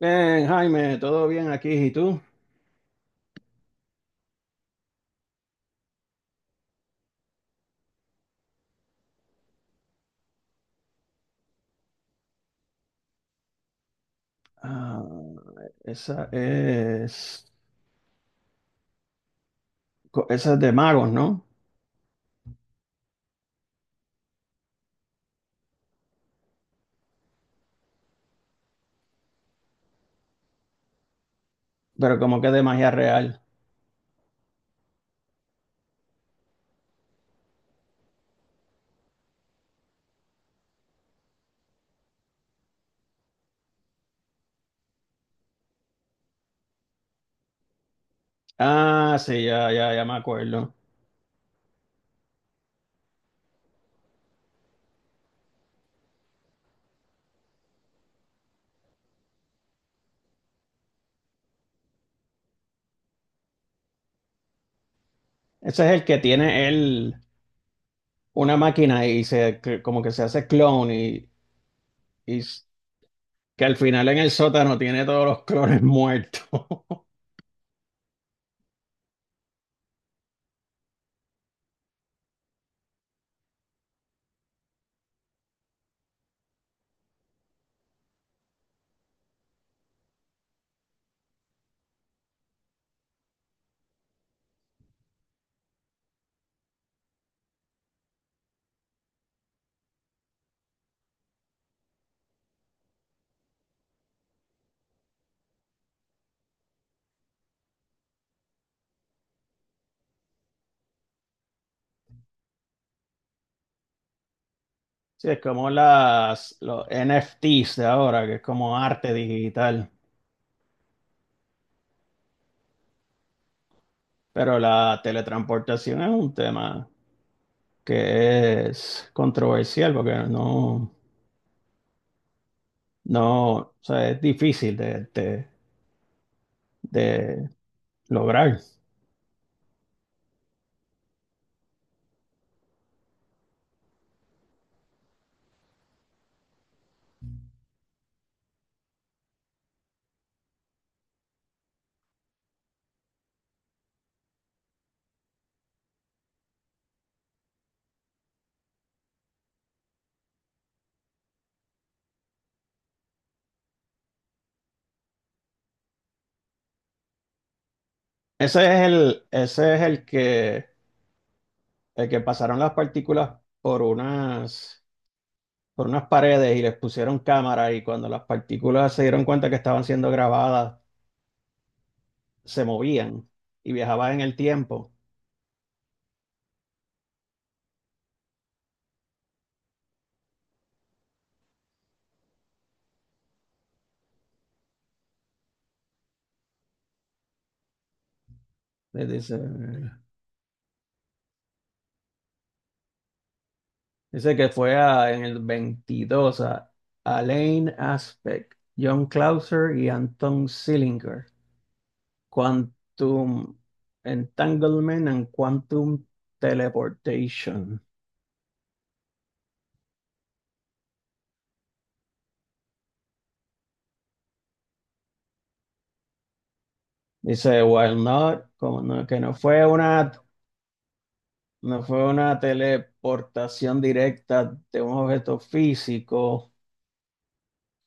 Bien, Jaime, todo bien aquí, ¿y tú? Ah, esa es, esa es de magos, ¿no? Pero como que de magia real. Ah, sí, ya, ya, ya me acuerdo. Ese es el que tiene él una máquina y como que se hace clon y, y s- que al final en el sótano tiene todos los clones muertos. Sí, es como los NFTs de ahora, que es como arte digital. Pero la teletransportación es un tema que es controversial porque no, no, o sea, es difícil de lograr. Ese es el que pasaron las partículas por unas paredes y les pusieron cámara y cuando las partículas se dieron cuenta que estaban siendo grabadas, se movían y viajaban en el tiempo. Eh, Dice, Dice que en el 22 a Alain Aspect, John Clauser y Anton Zillinger. Quantum Entanglement and Quantum Teleportation. Dice, while not, como no- que no fue una, no fue una teleportación directa de un objeto físico,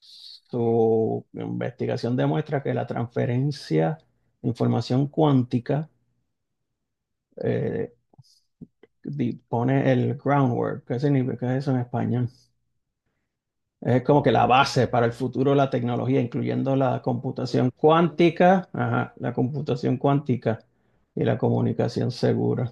su investigación demuestra que la transferencia de información cuántica eh, pone el groundwork. ¿Qué significa eso en español? Es como que la base para el futuro de la tecnología, incluyendo la computación cuántica, ajá, la computación cuántica y la comunicación segura.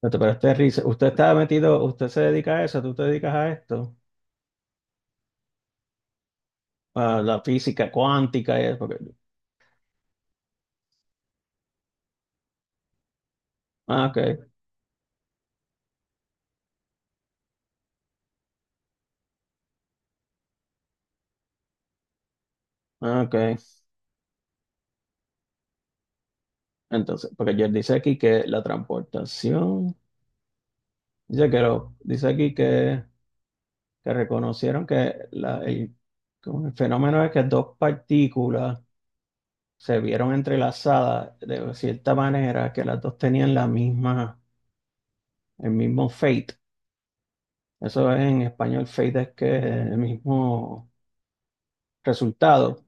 Espérate, pero este risa, usted se dedica a eso, tú te dedicas a esto, a la física cuántica y eso, porque... Ah, ok, ah, ok. Entonces, porque yo dice aquí que la transportación, dice aquí que reconocieron como el fenómeno es que dos partículas se vieron entrelazadas de cierta manera que las dos tenían el mismo fate. Eso es en español, fate es que el mismo resultado,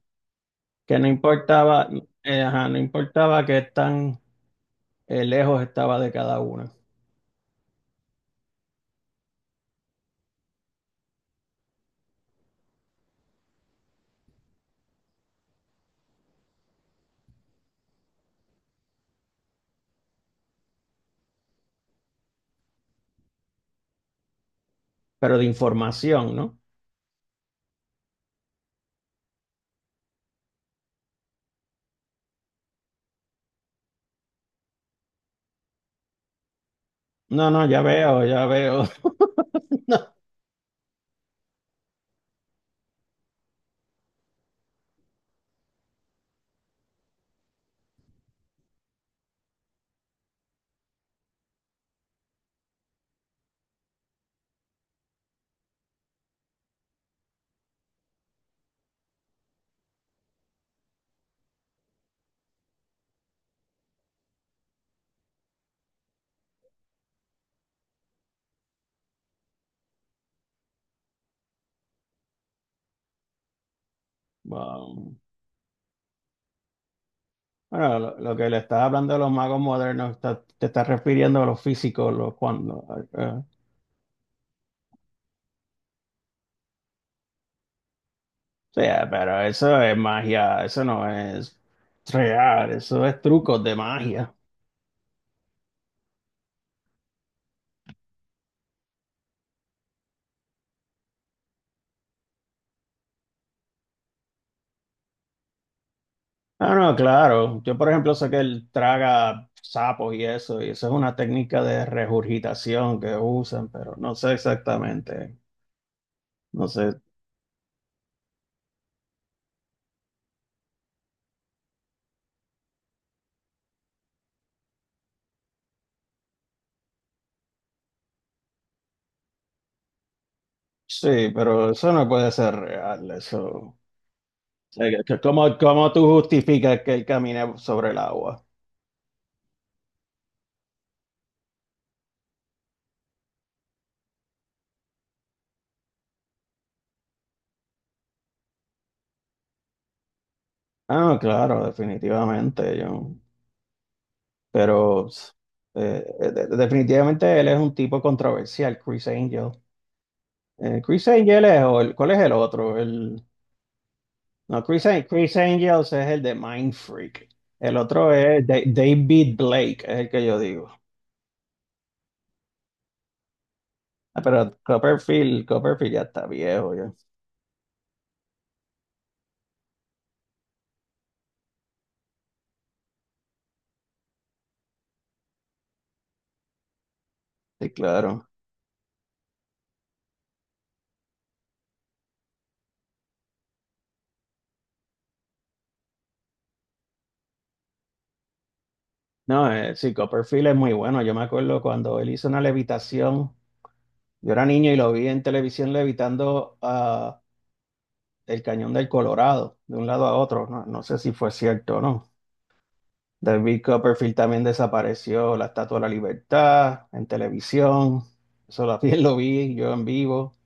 que no importaba, ajá, no importaba que tan lejos estaba de cada una, pero de información, ¿no? No, no, ya veo, ya veo. Wow. Bueno, lo que le estaba hablando de los magos modernos, te estás refiriendo a los físicos, eh, sí, pero eso es magia, eso no es real, eso es trucos de magia. Ah, no, claro. Yo, por ejemplo, sé que él traga sapos y eso es una técnica de regurgitación que usan, pero no sé exactamente. No sé. Sí, pero eso no puede ser real, eso. O sea, que ¿cómo, cómo tú justificas que él camine sobre el agua? Ah, no, claro, definitivamente, yo. Pero definitivamente él es un tipo controversial, Chris Angel. Chris Angel es, ¿cuál es el otro? El, no, Chris, An- Chris Angel es el de Mind Freak. El otro es David Blake, es el que yo digo. Ah, pero Copperfield, Copperfield ya está viejo, ya. Sí, claro. No, sí, Copperfield es muy bueno. Yo me acuerdo cuando él hizo una levitación. Yo era niño y lo vi en televisión levitando del Cañón del Colorado, de un lado a otro. No, no sé si fue cierto o no. David Copperfield también desapareció la Estatua de la Libertad en televisión. Eso también lo vi yo en vivo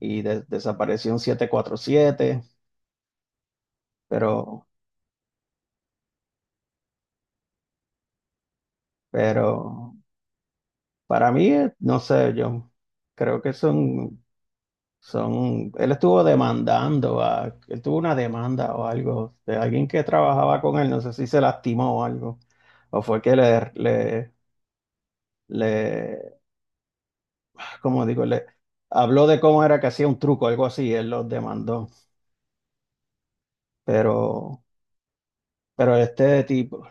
y desapareció un 747, pero, pero para mí, no sé, yo creo son, él estuvo demandando, a, él tuvo una demanda o algo de alguien que trabajaba con él, no sé si se lastimó o algo, o fue que le le habló de cómo era que hacía un truco, algo así, él los demandó. Pero, pero este tipo,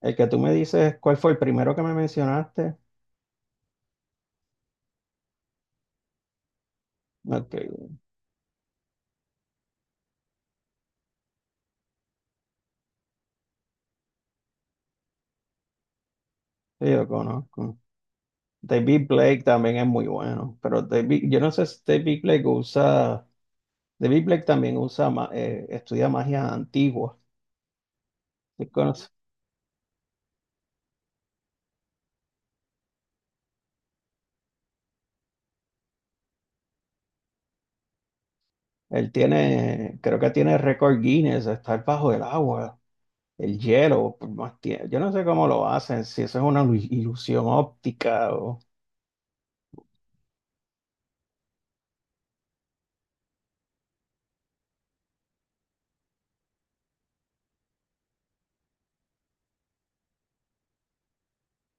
el que tú me dices, ¿cuál fue el primero que me mencionaste? Ok, sí, yo conozco. David Blake también es muy bueno, pero David, yo no sé si David Blake también usa, estudia magia antigua. ¿Sí conoce? Él tiene, creo que tiene récord Guinness de estar bajo el agua, el hielo por más tiempo. Yo no sé cómo lo hacen, si eso es una ilusión óptica o...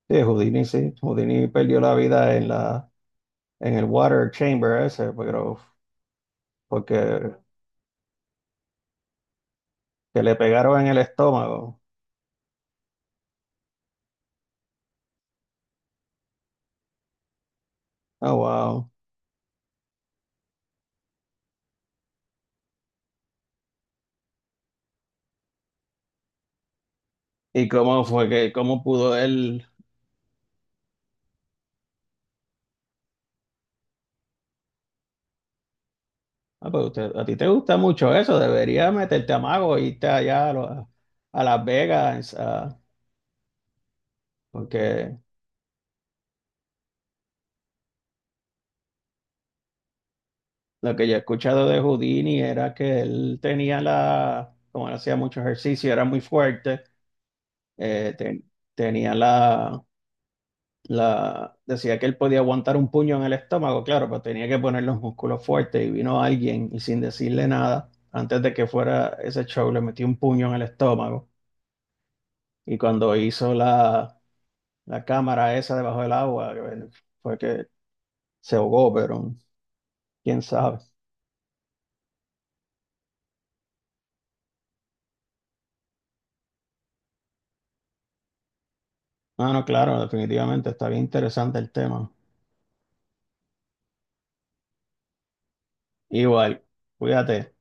Sí. Houdini perdió la vida en la, en el water chamber ese, pero porque que le pegaron en el estómago. Oh, wow. ¿Y cómo fue que, cómo pudo él? Ah, pues usted... a ti te gusta mucho eso, deberías meterte a mago e irte allá a, a Las Vegas, a... porque lo que yo he escuchado de Houdini era que él tenía la, como él hacía mucho ejercicio, era muy fuerte, eh, te- tenía decía que él podía aguantar un puño en el estómago, claro, pero tenía que poner los músculos fuertes y vino alguien y sin decirle nada, antes de que fuera ese show, le metió un puño en el estómago y cuando hizo la cámara esa debajo del agua, fue que se ahogó, pero quién sabe. No, no, claro, definitivamente está bien interesante el tema. Igual, cuídate.